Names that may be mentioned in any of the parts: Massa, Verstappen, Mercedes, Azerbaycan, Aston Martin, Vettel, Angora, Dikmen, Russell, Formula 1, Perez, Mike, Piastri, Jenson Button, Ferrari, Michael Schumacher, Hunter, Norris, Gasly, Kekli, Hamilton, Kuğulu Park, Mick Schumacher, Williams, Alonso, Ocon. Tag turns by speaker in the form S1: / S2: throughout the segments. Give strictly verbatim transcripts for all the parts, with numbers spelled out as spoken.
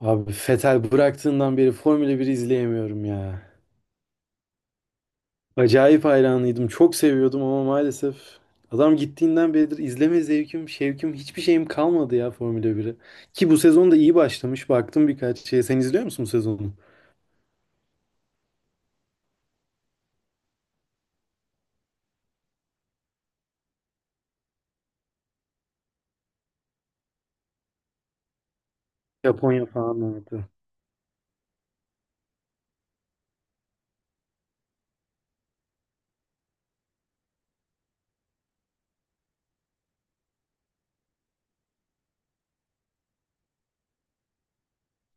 S1: Abi Vettel bıraktığından beri Formula bir izleyemiyorum ya. Acayip hayranıydım. Çok seviyordum ama maalesef adam gittiğinden beridir izleme zevkim, şevkim, hiçbir şeyim kalmadı ya Formula bire. Ki bu sezon da iyi başlamış. Baktım birkaç şeye. Sen izliyor musun bu sezonu? Japonya falan vardı.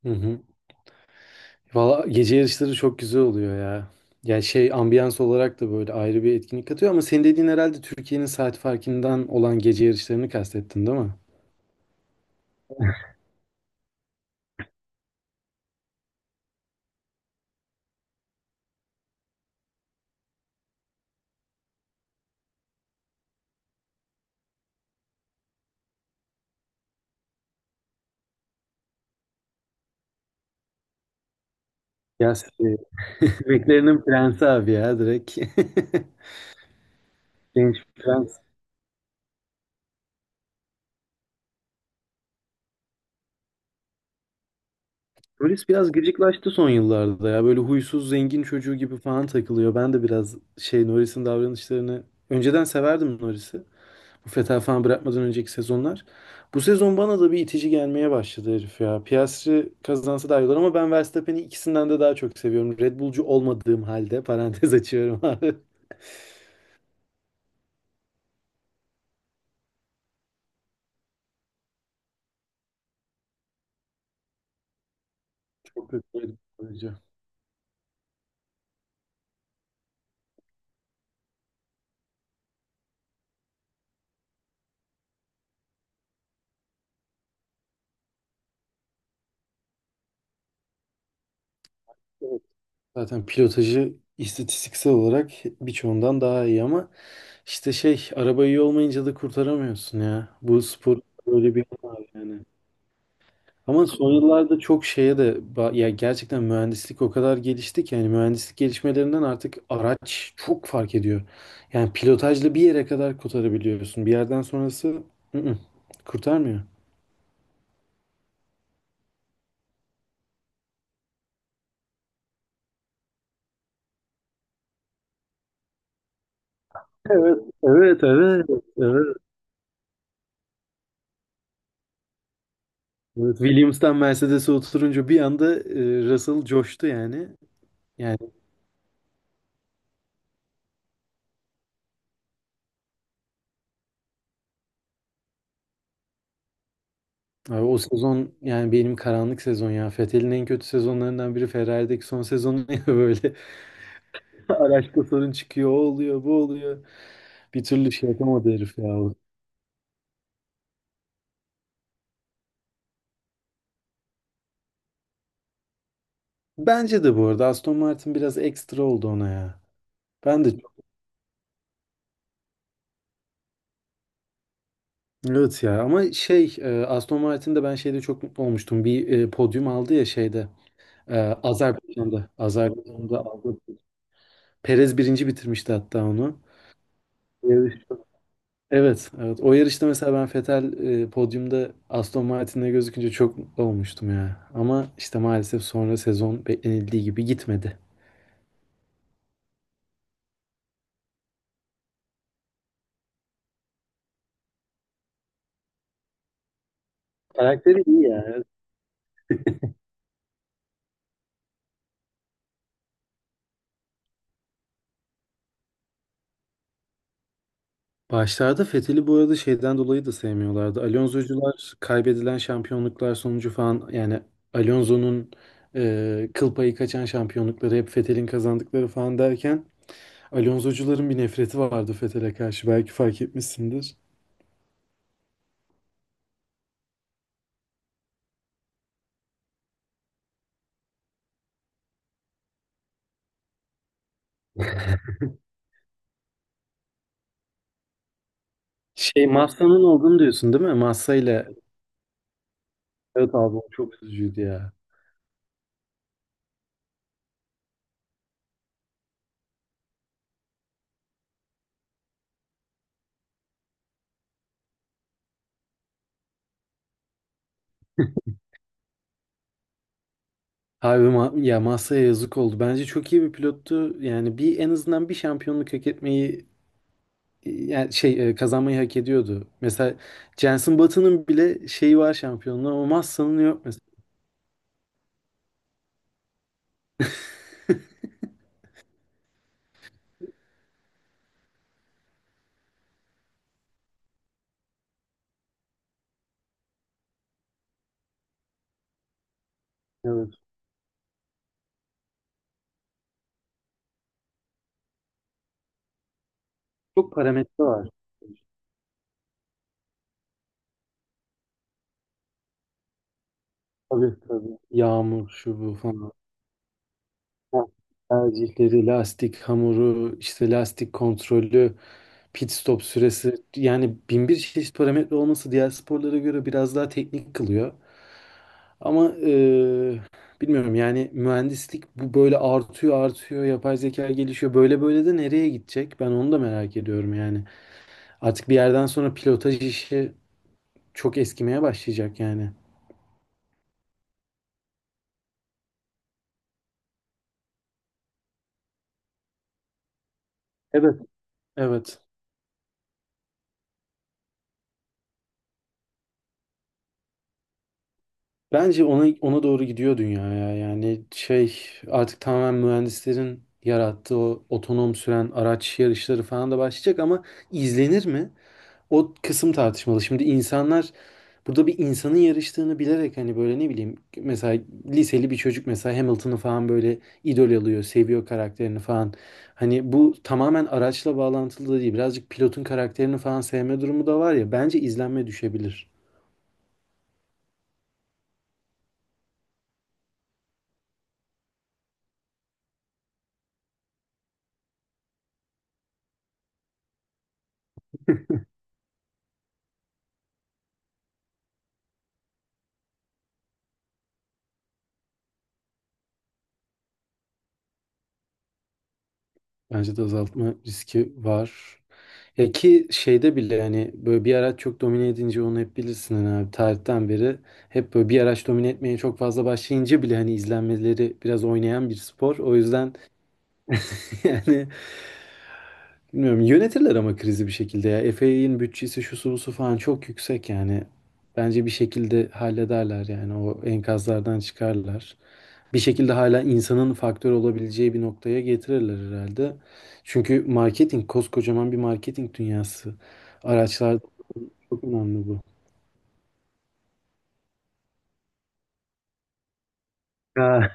S1: Hı hı. Valla gece yarışları çok güzel oluyor ya. Ya şey, ambiyans olarak da böyle ayrı bir etkinlik katıyor ama senin dediğin herhalde Türkiye'nin saat farkından olan gece yarışlarını kastettin değil mi? Ya şey, bebeklerinin prensi abi ya direkt. Genç prens. Polis biraz gıcıklaştı son yıllarda ya. Böyle huysuz zengin çocuğu gibi falan takılıyor. Ben de biraz şey, Norris'in davranışlarını önceden severdim, Norris'i. Bu Fetal falan bırakmadan önceki sezonlar. Bu sezon bana da bir itici gelmeye başladı herif ya. Piastri kazansa daha iyi olur ama ben Verstappen'i ikisinden de daha çok seviyorum. Red Bull'cu olmadığım halde parantez açıyorum abi. Çok kötü bir oyuncu. Evet. Zaten pilotajı istatistiksel olarak birçoğundan daha iyi ama işte şey, araba iyi olmayınca da kurtaramıyorsun ya. Bu spor böyle bir yanı var yani. Ama son yıllarda çok şeye de ba- ya gerçekten mühendislik o kadar gelişti ki yani mühendislik gelişmelerinden artık araç çok fark ediyor. Yani pilotajla bir yere kadar kurtarabiliyorsun. Bir yerden sonrası ı-ı, kurtarmıyor. Evet, evet, evet, evet. Evet, Williams'tan Mercedes'e oturunca bir anda e, Russell coştu yani. Yani abi o sezon yani benim karanlık sezon ya. Vettel'in en kötü sezonlarından biri Ferrari'deki son sezonu ya böyle. Araçta sorun çıkıyor, o oluyor, bu oluyor. Bir türlü şey yapamadı herif ya. O. Bence de bu arada Aston Martin biraz ekstra oldu ona ya. Ben de çok... Evet ya, ama şey e, Aston Martin'de ben şeyde çok mutlu olmuştum. Bir e, podyum aldı ya şeyde. e, Azerbaycan'da. Azerbaycan'da aldı. Perez birinci bitirmişti hatta onu. Evet. Evet, evet. O yarışta mesela ben Vettel e, podyumda Aston Martin'le gözükünce çok mutlu olmuştum ya. Ama işte maalesef sonra sezon beklenildiği gibi gitmedi. Karakteri iyi yani. Başlarda Fethel'i bu arada şeyden dolayı da sevmiyorlardı. Alonso'cular kaybedilen şampiyonluklar sonucu falan yani Alonso'nun e, kıl payı kaçan şampiyonlukları hep Fethel'in kazandıkları falan derken Alonso'cuların bir nefreti vardı Fethel'e karşı, belki fark etmişsindir. Şey, Massa'nın olduğunu diyorsun değil mi? Massa ile evet abi, o çok üzücüydü ya. Abi ma- ya masaya yazık oldu. Bence çok iyi bir pilottu. Yani bir en azından bir şampiyonluk hak etmeyi yani şey e, kazanmayı hak ediyordu. Mesela Jenson Button'ın bile şeyi var, şampiyonluğu, ama Massa'nın yok mesela. Evet. Çok parametre var. Tabii, tabii. Yağmur şu bu falan. Ha, tercihleri, lastik hamuru, işte lastik kontrolü, pit stop süresi, yani bin bir çeşit parametre olması diğer sporlara göre biraz daha teknik kılıyor. Ama eee, bilmiyorum yani mühendislik bu böyle artıyor artıyor, yapay zeka gelişiyor, böyle böyle de nereye gidecek, ben onu da merak ediyorum yani. Artık bir yerden sonra pilotaj işi çok eskimeye başlayacak yani. Evet. Evet. Bence ona, ona doğru gidiyor dünya ya. Yani şey, artık tamamen mühendislerin yarattığı o otonom süren araç yarışları falan da başlayacak ama izlenir mi? O kısım tartışmalı. Şimdi insanlar burada bir insanın yarıştığını bilerek hani böyle ne bileyim mesela liseli bir çocuk mesela Hamilton'ı falan böyle idol alıyor, seviyor karakterini falan. Hani bu tamamen araçla bağlantılı da değil. Birazcık pilotun karakterini falan sevme durumu da var ya. Bence izlenme düşebilir. Bence de azaltma riski var. Ya ki şeyde bile hani böyle bir araç çok domine edince onu hep bilirsin hani abi, tarihten beri hep böyle bir araç domine etmeye çok fazla başlayınca bile hani izlenmeleri biraz oynayan bir spor. O yüzden yani bilmiyorum, yönetirler ama krizi bir şekilde ya. F A'in bütçesi şusu busu falan çok yüksek yani. Bence bir şekilde hallederler yani, o enkazlardan çıkarlar. Bir şekilde hala insanın faktör olabileceği bir noktaya getirirler herhalde. Çünkü marketing, koskocaman bir marketing dünyası, çok önemli bu. Ha.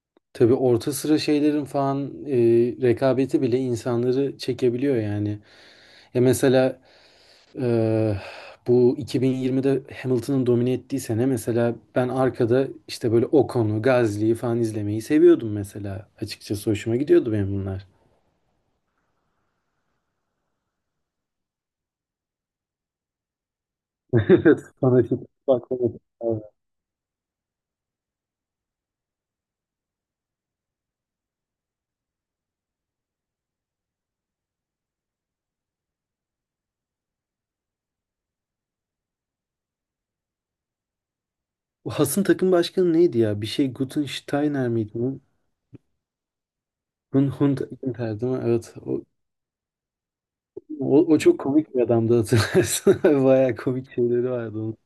S1: Tabii orta sıra şeylerin falan e, rekabeti bile insanları çekebiliyor yani. Ya mesela e, bu iki bin yirmide Hamilton'ın domine ettiği sene mesela ben arkada işte böyle Ocon'u, Gasly'yi falan izlemeyi seviyordum mesela. Açıkçası hoşuma gidiyordu benim bunlar. Evet, fanatik. Bak, evet. Evet. O Has'ın takım başkanı neydi ya? Bir şey Gutensteiner miydi? Hun Hun Hunter'dı mi? Evet. O, o çok komik bir adamdı, hatırlarsın. Bayağı komik şeyleri vardı onun.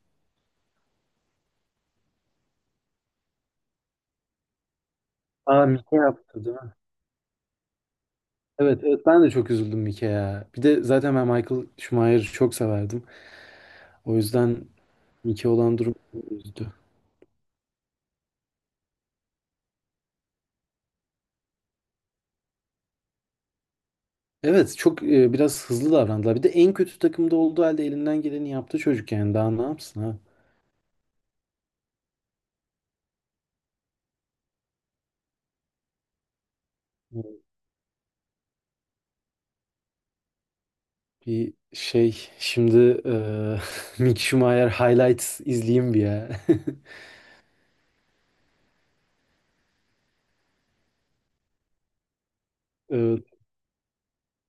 S1: Aa, Mike yaptı değil mi? Evet, evet, ben de çok üzüldüm Mike'ye. Bir de zaten ben Michael Schumacher'ı çok severdim. O yüzden Mike olan durum beni üzdü. Evet çok e, biraz hızlı davrandılar. Bir de en kötü takımda olduğu halde elinden geleni yaptı çocuk yani. Daha ne yapsın ha? Bir şey şimdi e, Mick Schumacher highlights izleyeyim bir ya. Evet,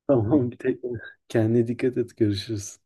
S1: tamam, bir tek kendine dikkat et, görüşürüz.